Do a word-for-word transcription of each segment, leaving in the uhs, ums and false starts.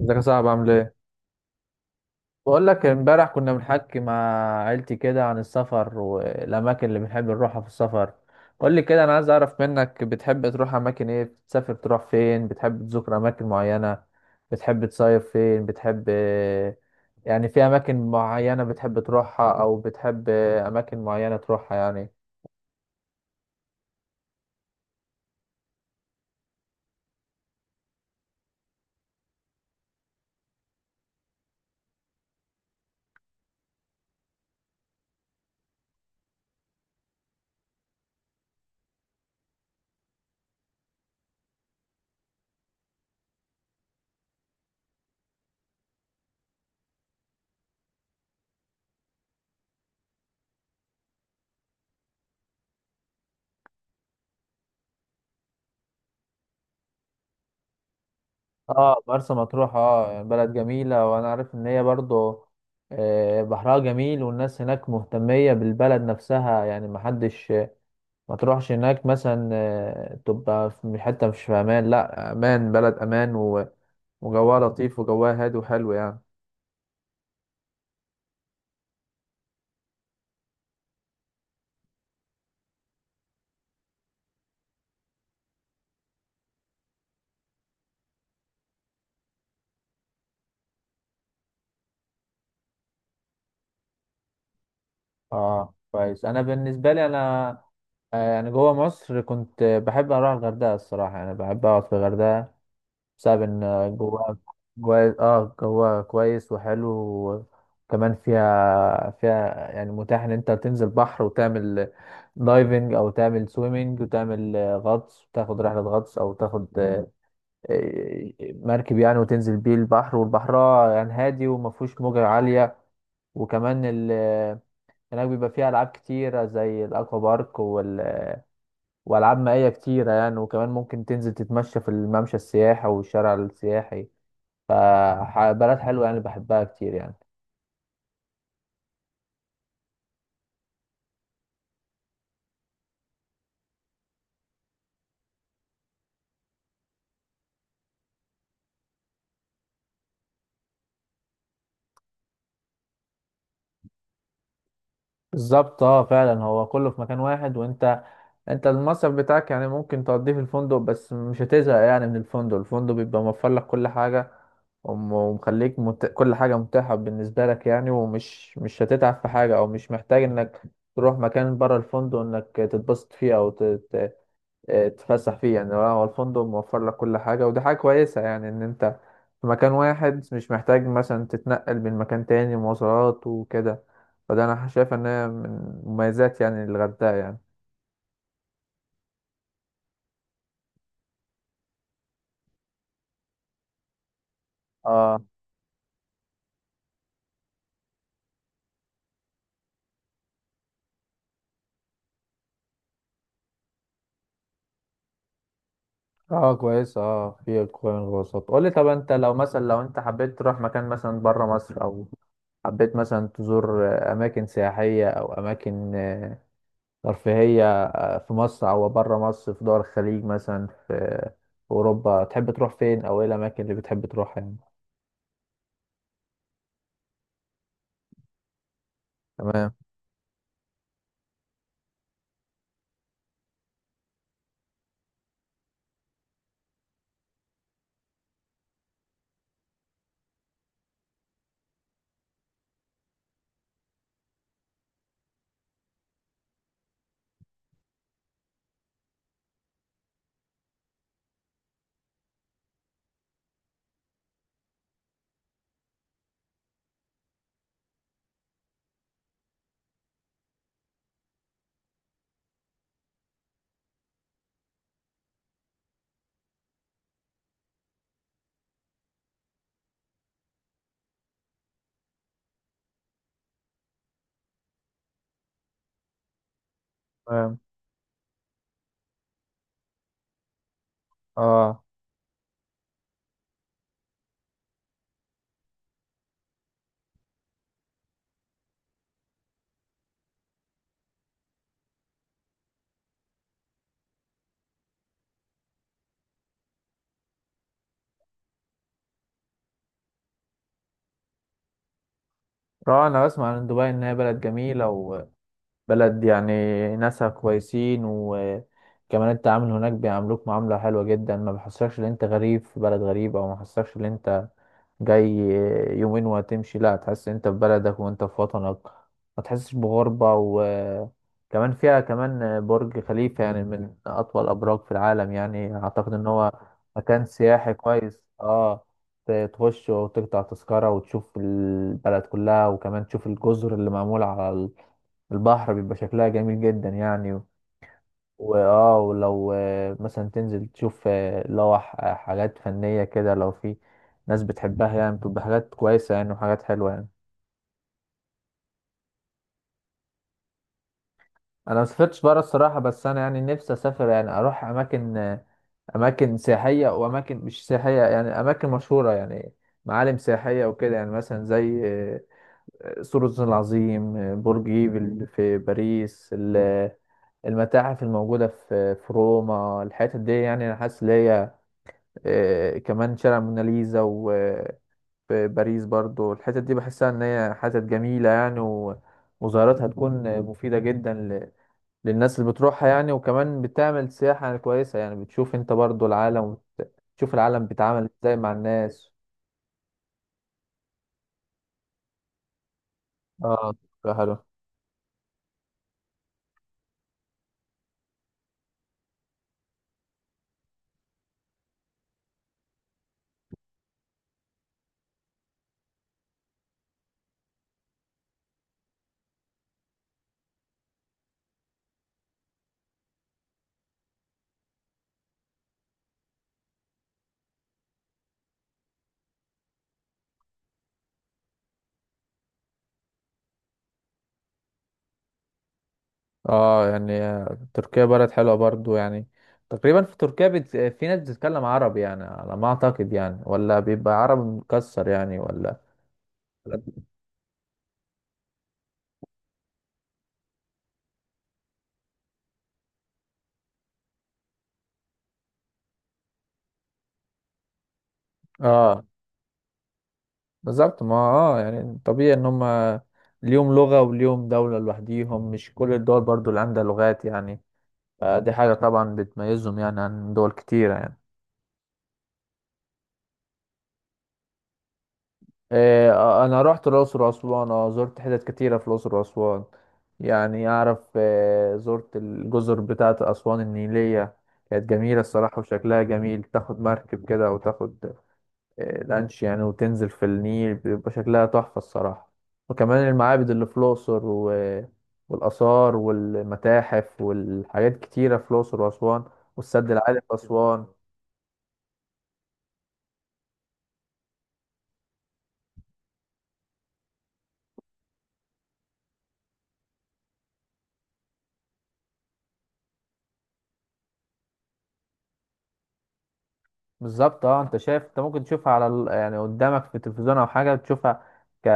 ازيك يا صاحبي، عامل ايه؟ بقول لك امبارح كنا بنحكي مع عيلتي كده عن السفر والاماكن اللي بنحب نروحها في السفر. قول لي كده، انا عايز اعرف منك بتحب تروح اماكن ايه؟ بتسافر تروح فين؟ بتحب تزور اماكن معينة؟ بتحب تصيف فين؟ بتحب يعني في اماكن معينة بتحب تروحها او بتحب اماكن معينة تروحها يعني. اه، مرسى مطروح، اه يعني بلد جميلة، وانا عارف ان هي برضو آه، بحرها جميل، والناس هناك مهتمية بالبلد نفسها، يعني محدش ما تروحش هناك مثلا آه، تبقى في حتة مش في امان. لا، امان، بلد امان و- وجواها لطيف، وجواها هادي وحلو يعني. اه كويس، انا بالنسبة لي انا آه، يعني جوه مصر كنت بحب اروح الغردقة الصراحة، يعني بحب اقعد في الغردقة بسبب ان جواها جواها اه جواها كويس وحلو. كمان فيها فيها يعني متاح ان انت تنزل بحر وتعمل دايفنج، او تعمل سويمنج، وتعمل آه، غطس، وتاخد رحلة غطس، او تاخد آه، آه، مركب يعني، وتنزل بيه البحر، والبحر يعني هادي وما فيهوش موجة عالية. وكمان ال- آه، هناك بيبقى فيها العاب كتيرة زي الاكوا بارك وال والعاب مائية كتيرة يعني، وكمان ممكن تنزل تتمشى في الممشى السياحي والشارع السياحي. فبلد حلوة يعني، بحبها كتير يعني. بالظبط، اه فعلا هو كله في مكان واحد، وانت انت المصرف بتاعك يعني ممكن تقضيه في الفندق، بس مش هتزهق يعني من الفندق الفندق بيبقى موفر لك كل حاجة. وم- ومخليك مت... كل حاجة متاحة بالنسبة لك يعني، ومش مش هتتعب في حاجة، او مش محتاج انك تروح مكان بره الفندق انك تتبسط فيه او آه، تتفسح فيه. يعني هو الفندق موفر لك كل حاجة، ودي حاجة كويسة يعني، إن أنت في مكان واحد مش محتاج مثلا تتنقل من مكان تاني مواصلات وكده. فده أنا شايف إن هي من مميزات يعني الغردقة يعني. اه، اه كويس، اه في كوين الوسط. قول لي طب انت لو مثلا لو انت حبيت تروح مكان مثلا بره مصر، او حبيت مثلا تزور آه، اماكن سياحية او اماكن ترفيهية آه، في مصر أو بره مصر، في دول الخليج مثلا، في في أوروبا، تحب تروح فين أو إيه الأماكن اللي بتحب تروحها يعني؟ تمام، تمام، آه، آه، أنا بسمع عن دبي إنها بلد جميلة، وبلد يعني ناسها كويسين، وكمان التعامل هناك بيعاملوك معاملة حلوة جدا، ما بيحسكش إن أنت غريب في بلد غريب، أو ما بيحسكش إن أنت جاي يومين وهتمشي. لا، هتحس انت في بلدك وانت في وطنك، ما تحسش بغربة. وكمان فيها كمان برج خليفة، يعني من أطول الأبراج في العالم، يعني أعتقد إن هو مكان سياحي كويس. اه، ت- تخش وتقطع تذكرة وتشوف البلد كلها، وكمان تشوف الجزر اللي معمولة على البحر بيبقى شكلها جميل جدا يعني. واه، ولو آه، مثلا تنزل تشوف آه، لو ح- حاجات فنية كده، لو في ناس بتحبها يعني بتبقى حاجات كويسة يعني وحاجات حلوة يعني. انا ما سافرتش بره الصراحة، بس انا يعني نفسي اسافر يعني اروح اماكن آه، اماكن سياحية واماكن مش سياحية، يعني اماكن مشهورة يعني، معالم سياحية وكده يعني، مثلا زي آه، سور الصين العظيم، آه، برج ايفل في باريس، ال- المتاحف الموجودة في في روما. الحتت دي يعني انا حاسس ان هي آه، كمان شارع موناليزا وباريس، برضو الحتت دي بحسها ان هي حتت جميلة يعني، و- وزيارتها تكون مفيدة جدا ل- للناس اللي بتروحها يعني، وكمان بتعمل سياحة كويسة يعني، بتشوف انت برضو العالم، وتشوف العالم بيتعامل ازاي مع الناس. اه، تبقى حلو. اه يعني آه، تركيا بلد حلوة برضو يعني، تقريبا في تركيا بت... في ناس بتتكلم عربي يعني على ما اعتقد يعني، ولا بيبقى عربي مكسر يعني ولا؟ اه، بالظبط، ما اه يعني طبيعي ان هم ليهم لغة وليهم دولة لوحديهم، مش كل الدول برضو اللي عندها لغات يعني. فدي حاجة طبعا بتميزهم يعني عن دول كتيرة يعني. إيه، آه، انا رحت الأقصر وأسوان، اه زرت حتت كتيرة في الأقصر وأسوان يعني. اعرف آه، زرت الجزر بتاعة أسوان النيلية، كانت جميلة الصراحة وشكلها جميل، تاخد مركب كده وتاخد آه، لانش يعني، وتنزل في النيل بيبقى شكلها تحفة الصراحة. وكمان المعابد اللي في الأقصر و... والآثار والمتاحف والحاجات كتيرة في الأقصر وأسوان، والسد العالي في أسوان. بالظبط، اه انت شايف انت ممكن تشوفها على ال... يعني قدامك في التلفزيون او حاجة تشوفها ك...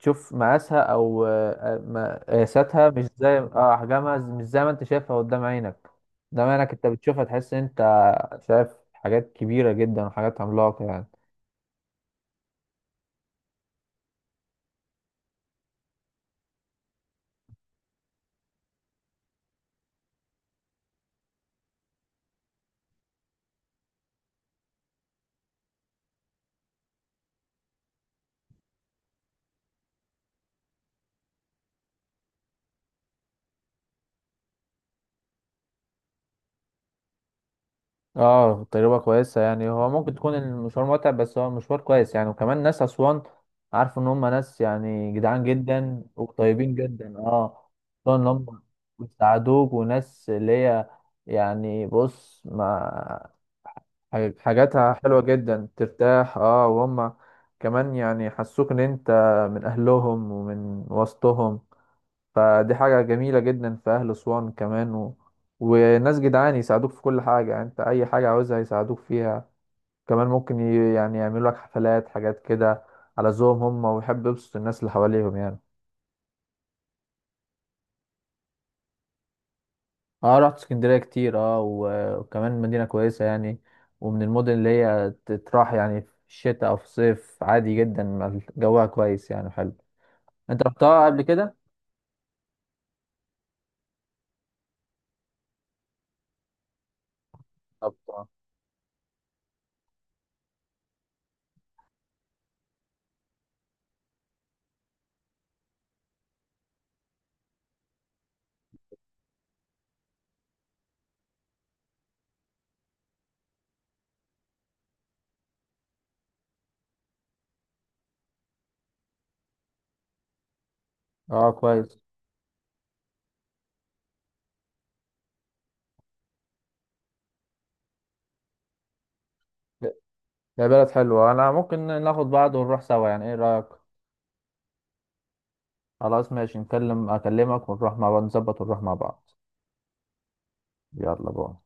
تشوف مقاسها او آه، م- قياساتها، مش زي اه احجامها، مش زي ما انت شايفها قدام عينك. قدام عينك انت بتشوفها تحس انت شايف حاجات كبيرة جدا وحاجات عملاقة يعني. اه تجربة كويسة يعني، هو ممكن تكون المشوار متعب بس هو مشوار كويس يعني، وكمان ناس أسوان عارف إن هم ناس يعني جدعان جدا وطيبين جدا. اه، خصوصا إن هم بيساعدوك، وناس اللي هي يعني بص ما حاج- حاجاتها حلوة جدا ترتاح. اه، وهم كمان يعني حسوك إن أنت من أهلهم ومن وسطهم، فدي حاجة جميلة جدا في أهل أسوان كمان و... وناس جدعان يساعدوك في كل حاجة يعني، أنت أي حاجة عاوزها يساعدوك فيها، كمان ممكن ي... يعني يعملوا لك حفلات، حاجات كده على ذوقهم هم، ويحب يبسط الناس اللي حواليهم يعني. اه رحت اسكندرية كتير، اه و- وكمان مدينة كويسة يعني، ومن المدن اللي هي تتراح يعني في الشتاء أو في الصيف عادي جدا، ما جوها كويس يعني حلو. أنت رحتها قبل كده؟ طب اه كويس، يا بلد حلوة، أنا ممكن ناخد بعض ونروح سوا يعني، إيه رأيك؟ خلاص، ماشي، نكلم اكلمك ونروح مع بعض، نظبط ونروح مع بعض. يلا بقى.